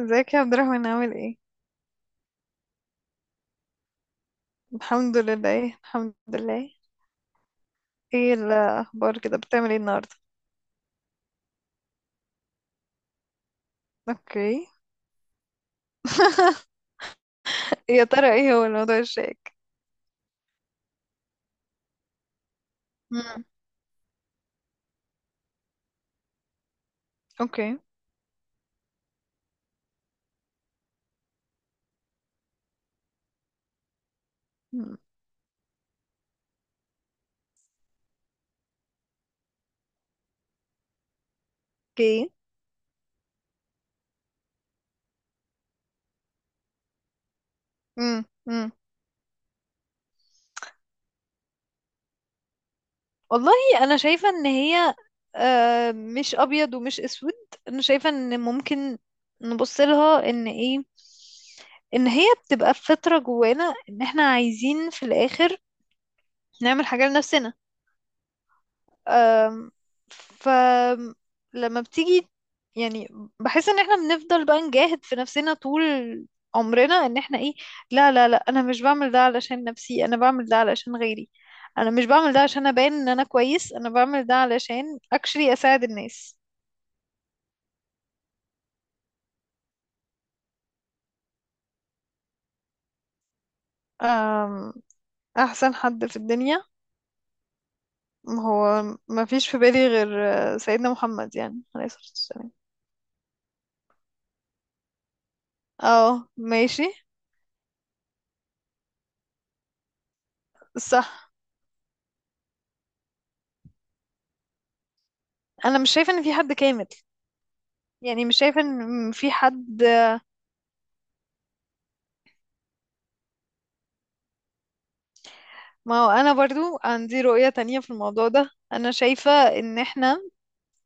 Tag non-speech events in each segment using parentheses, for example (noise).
ازيك يا عبد الرحمن، عامل ايه؟ الحمد لله، ايه، الحمد لله. ايه الاخبار كده؟ بتعمل ايه النهارده؟ اوكي. (laughs) يا ترى ايه هو الموضوع الشائك؟ مم. اوكي. مم. اوكي. مم. مم. والله، انا شايفه ان هي مش ابيض ومش اسود. انا شايفه ان ممكن نبص لها ان ايه، ان هي بتبقى فطره جوانا، ان احنا عايزين في الاخر نعمل حاجه لنفسنا. فلما بتيجي، يعني، بحس ان احنا بنفضل بقى نجاهد في نفسنا طول عمرنا ان احنا ايه، لا لا لا، انا مش بعمل ده علشان نفسي، انا بعمل ده علشان غيري. انا مش بعمل ده عشان ابان ان انا كويس، انا بعمل ده علشان اكشلي اساعد الناس. أم، احسن حد في الدنيا؟ هو ما فيش في بالي غير سيدنا محمد، يعني عليه الصلاة والسلام. اه، ماشي. صح. انا مش شايفه ان في حد كامل. يعني مش شايفه ان في حد. ما هو انا برضو عندي رؤية تانية في الموضوع ده. انا شايفة ان احنا،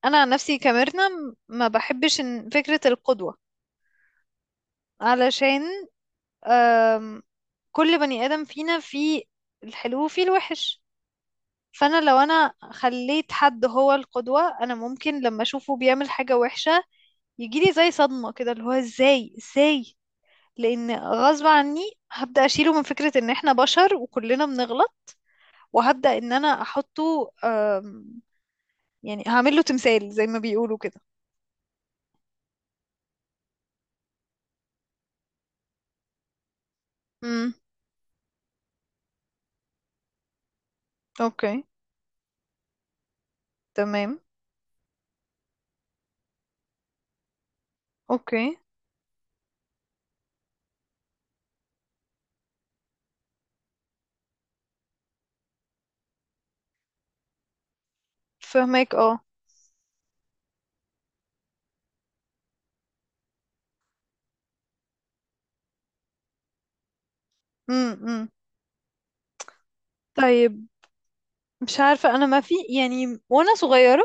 انا عن نفسي كميرنا ما بحبش إن فكرة القدوة. علشان آم، كل بني ادم فينا فيه الحلو وفيه الوحش. فانا لو انا خليت حد هو القدوة، انا ممكن لما اشوفه بيعمل حاجة وحشة يجيلي زي صدمة كده، اللي هو ازاي ازاي. لان غصب عني هبدأ اشيله من فكرة ان احنا بشر وكلنا بنغلط، وهبدأ ان انا احطه، يعني هعمل له تمثال زي ما بيقولوا كده. امم. اوكي. تمام. اوكي. فهمك. اه. امم. طيب، مش عارفة، انا ما في، يعني وانا صغيرة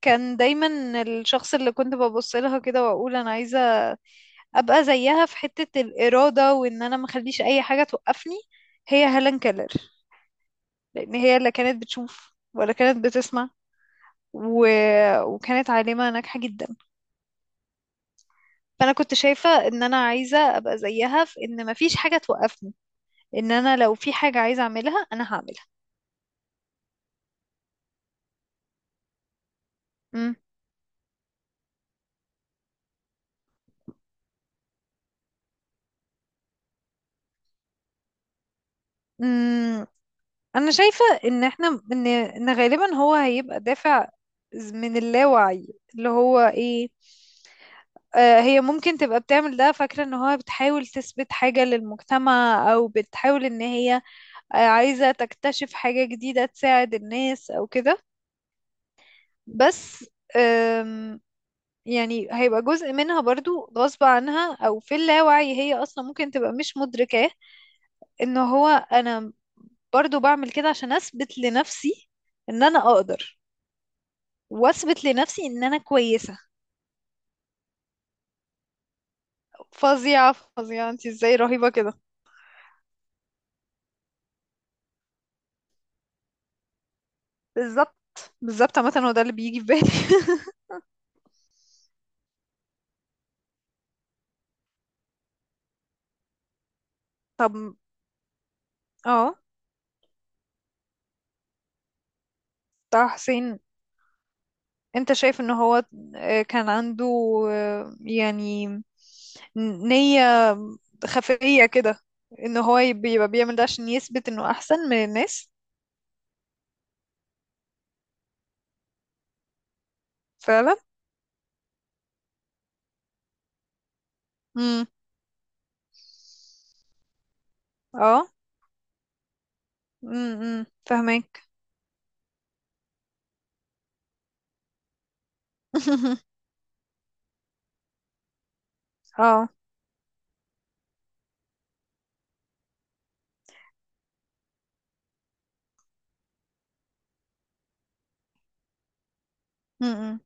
كان دايما الشخص اللي كنت ببص لها كده واقول انا عايزة ابقى زيها في حتة الإرادة، وان انا ما اخليش اي حاجة توقفني، هي هيلين كيلر. لان هي لا كانت بتشوف ولا كانت بتسمع و... وكانت عالمة ناجحة جدا. فانا كنت شايفة ان انا عايزة ابقى زيها في ان ما فيش حاجة توقفني، ان انا لو في حاجة عايزة اعملها انا هعملها. مم. امم. انا شايفة ان احنا ان غالبا هو هيبقى دافع من اللاوعي، اللي هو ايه، هي ممكن تبقى بتعمل ده فاكرة ان هو بتحاول تثبت حاجة للمجتمع، او بتحاول ان هي عايزة تكتشف حاجة جديدة تساعد الناس او كده. بس آم، يعني هيبقى جزء منها برضو غصب عنها، او في اللاوعي هي اصلا ممكن تبقى مش مدركاه، ان هو انا برضو بعمل كده عشان اثبت لنفسي ان انا اقدر، واثبت لنفسي ان انا كويسة. فظيعة فظيعة، انت ازاي، رهيبة كده. بالظبط. بالظبط، عامة هو ده اللي بيجي في بالي. (laughs) طب، اه. طه حسين. انت شايف ان هو كان عنده يعني نية خفية كده، ان هو بيبقى بيعمل ده عشان يثبت انه احسن من الناس. فعلا. امم. اه، امم، فهمك. (laughs) اه، امم.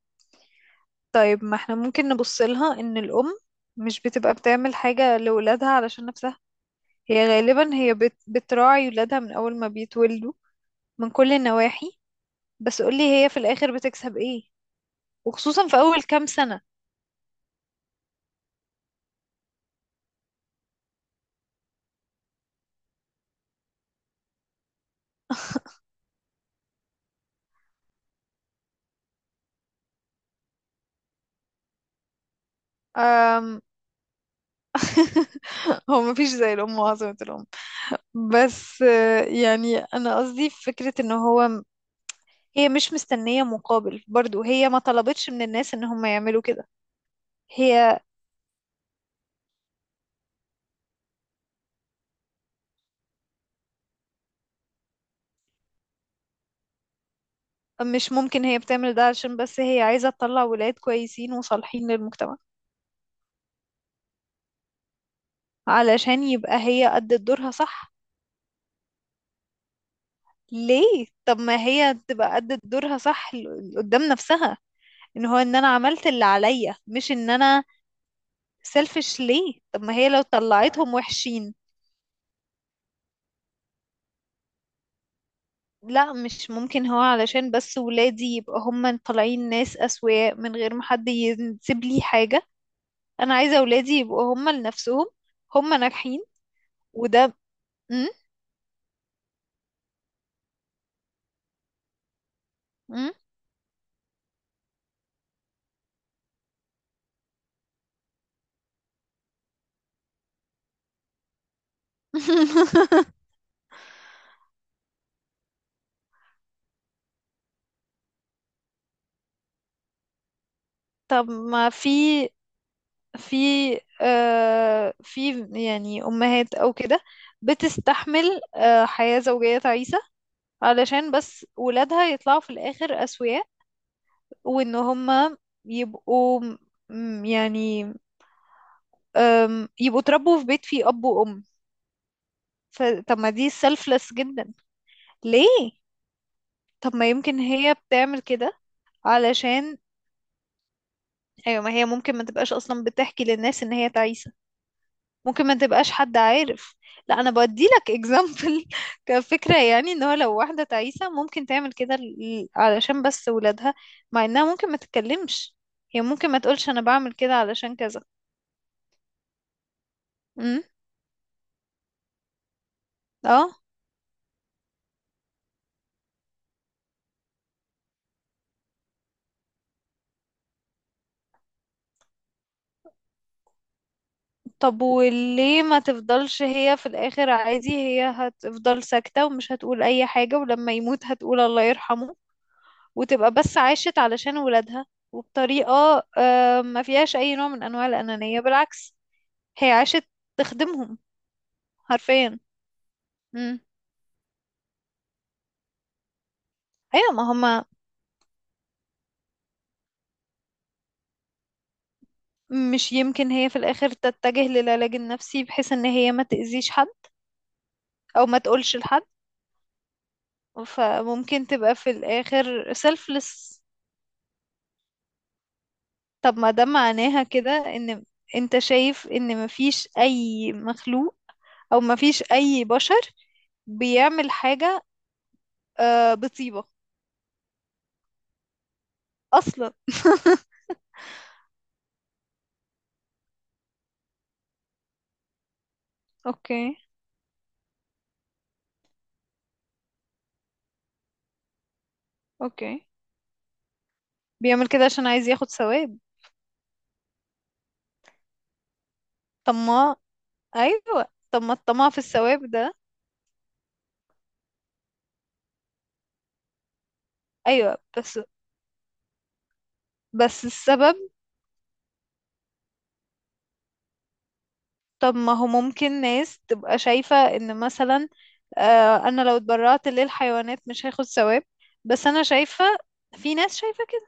طيب، ما احنا ممكن نبص لها ان الام مش بتبقى بتعمل حاجة لولادها علشان نفسها. هي غالبا هي بتراعي ولادها من اول ما بيتولدوا، من كل النواحي. بس قولي، هي في الاخر بتكسب ايه، وخصوصا في اول كام سنة؟ أم... (laughs) هو مفيش زي الام وعظمة الام. بس يعني انا قصدي في فكرة ان هو هي مش مستنية مقابل، برضو هي ما طلبتش من الناس ان هم يعملوا كده. هي. مش ممكن هي بتعمل ده عشان بس هي عايزة تطلع ولاد كويسين وصالحين للمجتمع؟ علشان يبقى هي أدت دورها صح. ليه؟ طب ما هي تبقى أدت دورها صح قدام نفسها، ان هو ان انا عملت اللي عليا، مش ان انا. سيلفش ليه؟ طب ما هي لو طلعتهم وحشين، لا مش ممكن، هو علشان بس ولادي يبقى هم طالعين ناس أسوياء، من غير ما حد يسيب لي حاجة. انا عايزة ولادي يبقوا هم لنفسهم، هم ناجحين. وده م? (laughs) طب، ما في في في، يعني أمهات أو كده بتستحمل حياة زوجية تعيسة علشان بس ولادها يطلعوا في الآخر أسوياء. وإن هما يبقوا يعني يبقوا اتربوا في بيت فيه أب وأم. فطب ما دي selfless جدا. ليه؟ طب ما يمكن هي بتعمل كده علشان. أيوة، ما هي ممكن ما تبقاش أصلا بتحكي للناس إن هي تعيسة. ممكن ما تبقاش حد عارف. لا انا بدي لك اكزامبل (laughs) كفكره، يعني ان هو لو واحده تعيسه ممكن تعمل كده علشان بس ولادها، مع انها ممكن ما تتكلمش. هي ممكن ما تقولش انا بعمل كده علشان كذا. امم. اه. طب وليه ما تفضلش هي في الاخر عادي، هي هتفضل ساكته ومش هتقول اي حاجه، ولما يموت هتقول الله يرحمه، وتبقى بس عاشت علشان ولادها، وبطريقه ما فيهاش اي نوع من انواع الانانيه، بالعكس، هي عاشت تخدمهم حرفيا. امم. ايوه، ما هما، مش يمكن هي في الاخر تتجه للعلاج النفسي بحيث ان هي ما تأذيش حد، او ما تقولش لحد؟ فممكن تبقى في الاخر سيلفلس. طب ما ده معناها كده ان انت شايف ان مفيش اي مخلوق، او مفيش اي بشر بيعمل حاجة بطيبة اصلا؟ اوكي. اوكي، بيعمل كده عشان عايز ياخد ثواب. طب ما، ايوه، طب ما الطمع في الثواب ده. ايوه بس. بس السبب. طب ما هو ممكن ناس تبقى شايفة ان مثلا انا لو اتبرعت للحيوانات مش هاخد ثواب، بس انا شايفة. في ناس شايفة كده،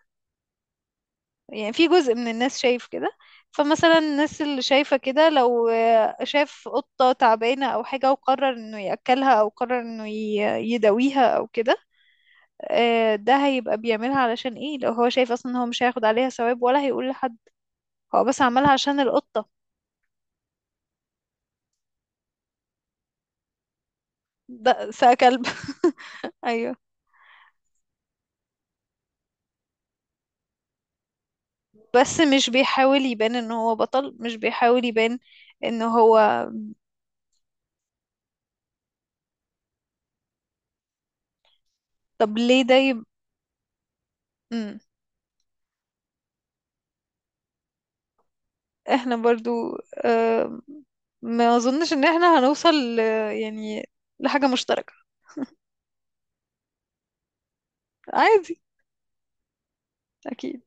يعني في جزء من الناس شايف كده. فمثلا الناس اللي شايفة كده لو شاف قطة تعبانة أو حاجة وقرر إنه يأكلها، أو قرر إنه يداويها أو كده، ده هيبقى بيعملها علشان إيه لو هو شايف أصلا إن هو مش هياخد عليها ثواب ولا هيقول لحد؟ هو بس عملها عشان القطة. ده سا كلب. (laughs) أيوه، بس مش بيحاول يبان ان هو بطل، مش بيحاول يبان ان هو. طب ليه ده مم. احنا برضو آم، ما اظنش ان احنا هنوصل ل- يعني لحاجة مشتركة. عادي. اكيد.